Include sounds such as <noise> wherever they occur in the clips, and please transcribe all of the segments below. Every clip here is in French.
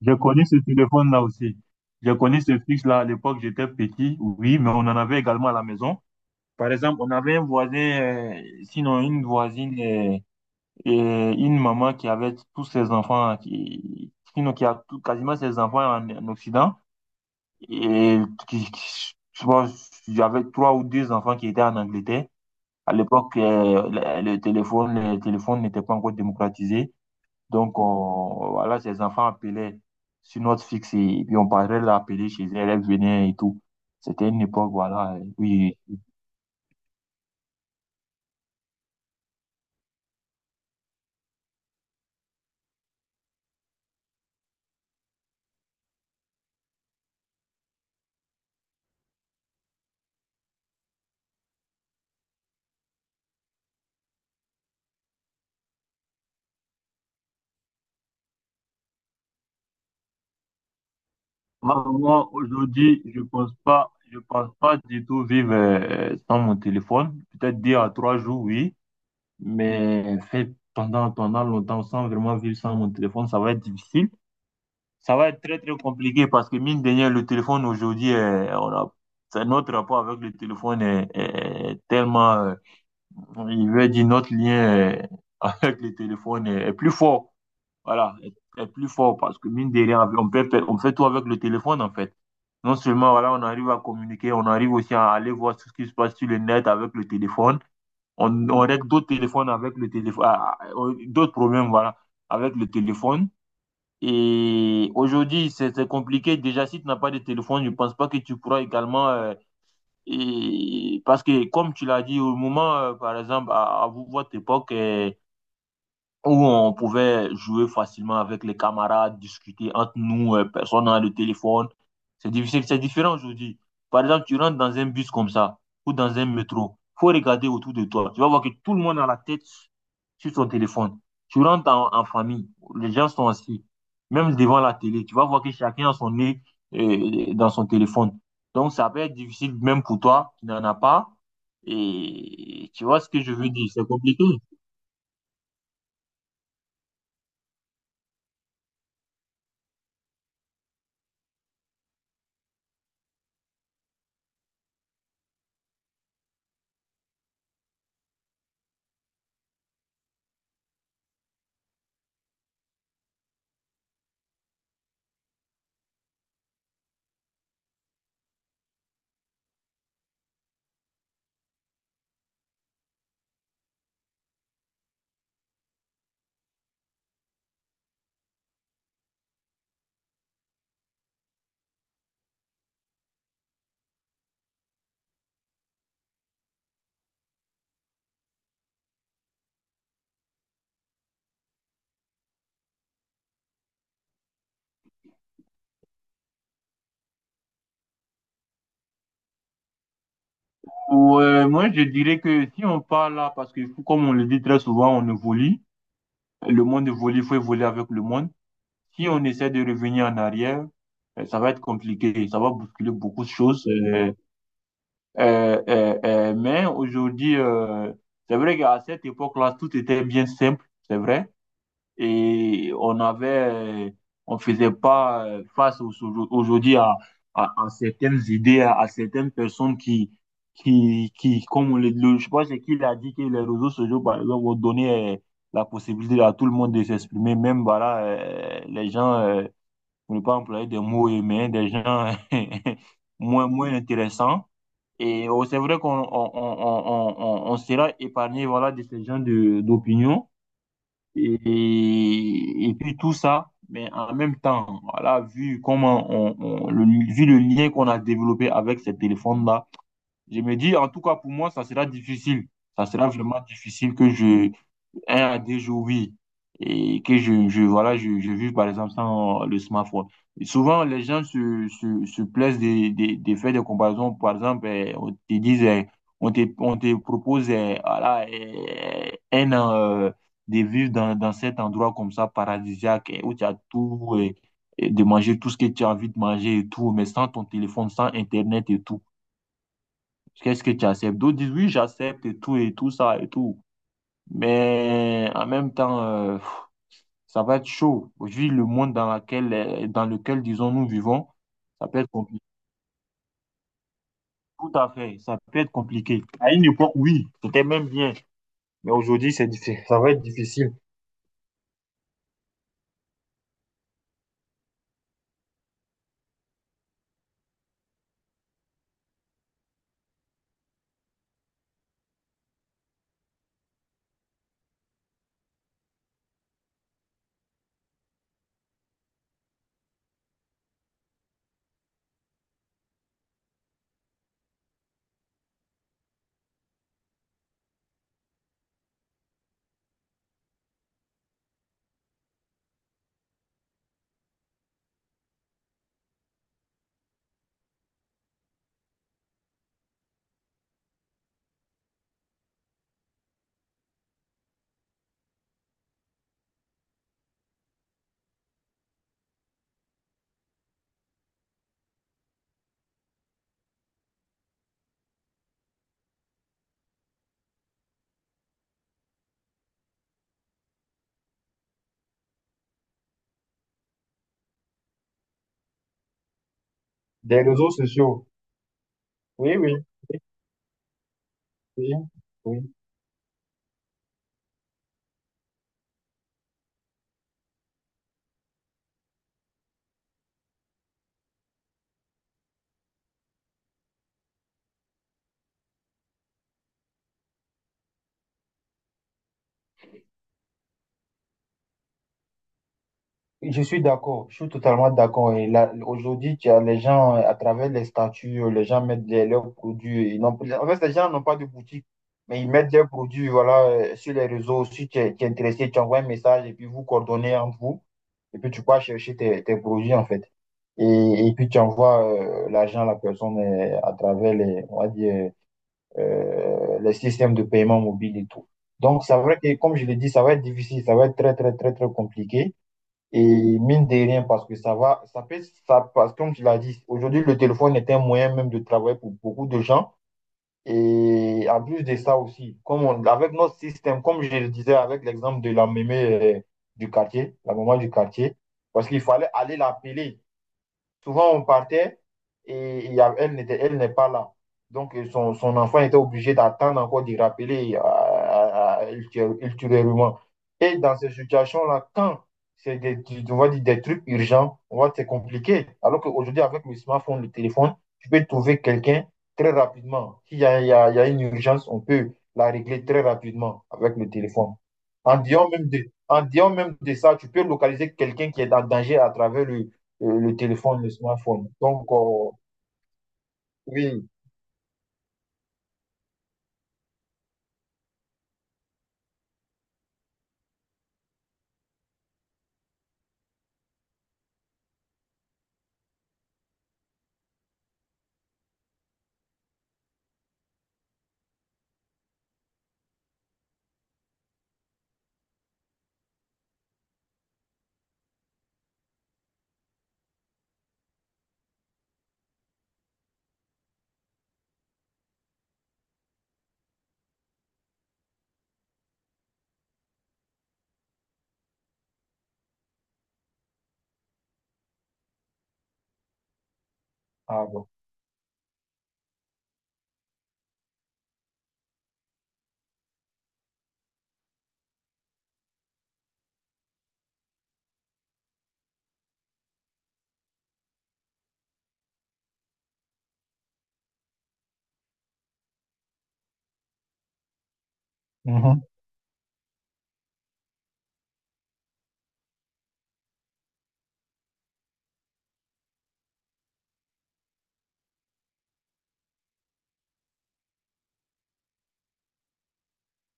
J'ai connu ce téléphone-là aussi. J'ai connu ce fixe-là à l'époque, j'étais petit, oui, mais on en avait également à la maison. Par exemple, on avait un voisin, sinon une voisine et une maman qui avait tous ses enfants, sinon quasiment ses enfants en Occident. Et je pense, j'avais trois ou deux enfants qui étaient en Angleterre. À l'époque, le téléphone n'était pas encore démocratisé. Donc, on, voilà, ses enfants appelaient sur notre fixe et, puis on parlait de l'appeler chez elle, elle venait et tout. C'était une époque, voilà. Oui, moi, aujourd'hui, je pense pas du tout vivre sans mon téléphone. Peut-être deux à trois jours, oui, mais fait pendant longtemps sans vraiment vivre sans mon téléphone, ça va être difficile. Ça va être très, très compliqué parce que, mine de rien, le téléphone aujourd'hui, c'est notre rapport avec le téléphone est tellement Il veut dire notre lien <laughs> avec le téléphone est plus fort. Voilà, est, est plus fort parce que mine de rien, on fait tout avec le téléphone en fait. Non seulement voilà, on arrive à communiquer, on arrive aussi à aller voir tout ce qui se passe sur le net avec le téléphone. On règle d'autres téléphones avec le téléphone, d'autres problèmes voilà, avec le téléphone. Et aujourd'hui, c'est compliqué. Déjà, si tu n'as pas de téléphone, je ne pense pas que tu pourras également et parce que, comme tu l'as dit, au moment, par exemple, à votre époque, où on pouvait jouer facilement avec les camarades, discuter entre nous, personne n'a le téléphone. C'est difficile, c'est différent aujourd'hui. Par exemple, tu rentres dans un bus comme ça ou dans un métro, faut regarder autour de toi. Tu vas voir que tout le monde a la tête sur son téléphone. Tu rentres en famille, les gens sont assis, même devant la télé. Tu vas voir que chacun a son nez dans son téléphone. Donc, ça peut être difficile même pour toi qui n'en as pas. Et tu vois ce que je veux dire, c'est compliqué. Ouais, moi, je dirais que si on parle là, parce que comme on le dit très souvent, on évolue. Le monde évolue, il faut évoluer avec le monde. Si on essaie de revenir en arrière, ça va être compliqué. Ça va bousculer beaucoup de choses. Mais aujourd'hui, c'est vrai qu'à cette époque-là, tout était bien simple. C'est vrai et on avait, on faisait pas aujourd'hui à, à certaines idées, à certaines personnes comme on je pense qu'il a dit que les réseaux sociaux, par exemple, ont donné la possibilité à tout le monde de s'exprimer, même voilà, les gens, pour ne pas employer des mots humains, des gens <laughs> moins, moins intéressants. Et oh, c'est vrai qu'on on sera épargné voilà, de ces gens d'opinion. Et puis tout ça, mais en même temps, voilà, vu comment on- le, vu le lien qu'on a développé avec ces téléphones-là, je me dis, en tout cas pour moi, ça sera difficile. Ça sera vraiment difficile que je, un à deux jours, oui, et que je voilà, je vis par exemple sans le smartphone. Et souvent, les gens se plaisent de faire des comparaisons. Par exemple, eh, on te dit, eh, on te propose eh, voilà, eh, un an de vivre dans cet endroit comme ça, paradisiaque, eh, où tu as tout, eh, et de manger tout ce que tu as envie de manger et tout, mais sans ton téléphone, sans Internet et tout. Qu'est-ce que tu acceptes? D'autres disent, oui, j'accepte et tout ça et tout. Mais en même temps, ça va être chaud. Vu le monde dans laquelle, dans lequel, disons, nous vivons, ça peut être compliqué. Tout à fait, ça peut être compliqué. À une époque, oui, c'était même bien. Mais aujourd'hui, ça va être difficile. Des réseaux sociaux. Oui, oui, oui, oui. Je suis d'accord, je suis totalement d'accord. Et là, aujourd'hui, tu as les gens à travers les statuts, les gens mettent leurs produits. En fait, les gens n'ont pas de boutique, mais ils mettent leurs produits, voilà, sur les réseaux. Si tu es, tu es intéressé, tu envoies un message et puis vous coordonnez entre vous. Et puis tu peux chercher tes, tes produits, en fait. Et puis tu envoies l'argent à la personne à travers les, on va dire, les systèmes de paiement mobile et tout. Donc, c'est vrai que, comme je l'ai dit, ça va être difficile, ça va être très, très, très, très compliqué. Et mine de rien, parce que ça va, ça peut, ça, parce que comme tu l'as dit, aujourd'hui, le téléphone est un moyen même de travailler pour beaucoup de gens. Et en plus de ça aussi, avec notre système, comme je le disais avec l'exemple de la mémé euh, du quartier, la maman du quartier, parce qu'il fallait aller l'appeler. Souvent, on partait elle n'est pas là. Donc, son enfant était obligé d'attendre encore de rappeler ultérieurement. Et dans ces situations-là, quand c'est des, tu- on va dire des trucs urgents, on va dire c'est compliqué. Alors qu'aujourd'hui, avec le smartphone, le téléphone, tu peux trouver quelqu'un très rapidement. S'il y a, il y a- il y a une urgence, on peut la régler très rapidement avec le téléphone. En disant même de, en disant même de ça, tu peux localiser quelqu'un qui est en danger à travers le téléphone, le smartphone. Donc, oui, ah, bon. Mhm.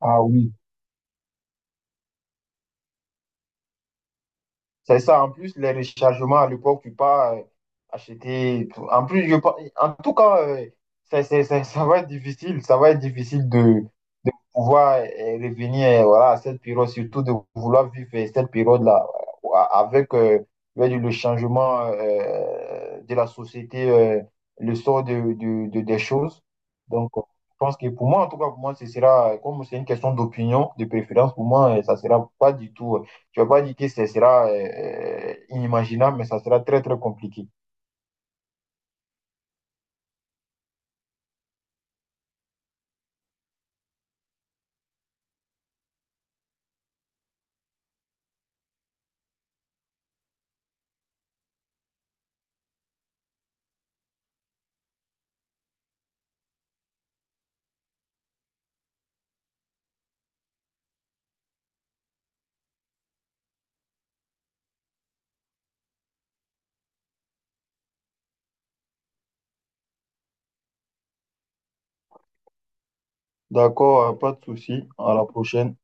Ah oui. C'est ça, en plus, les rechargements à l'époque, tu peux pas acheter. En plus, en tout cas, ça va être difficile. Ça va être difficile de pouvoir revenir voilà, à cette période, surtout de vouloir vivre cette période-là avec avec le changement de la société, le sort des choses. Donc, je pense que pour moi, en tout cas, pour moi, ce sera, comme c'est une question d'opinion, de préférence, pour moi, ça sera pas du tout. Je ne vais pas dire que ce sera inimaginable, mais ça sera très, très compliqué. D'accord, pas de souci. À la prochaine.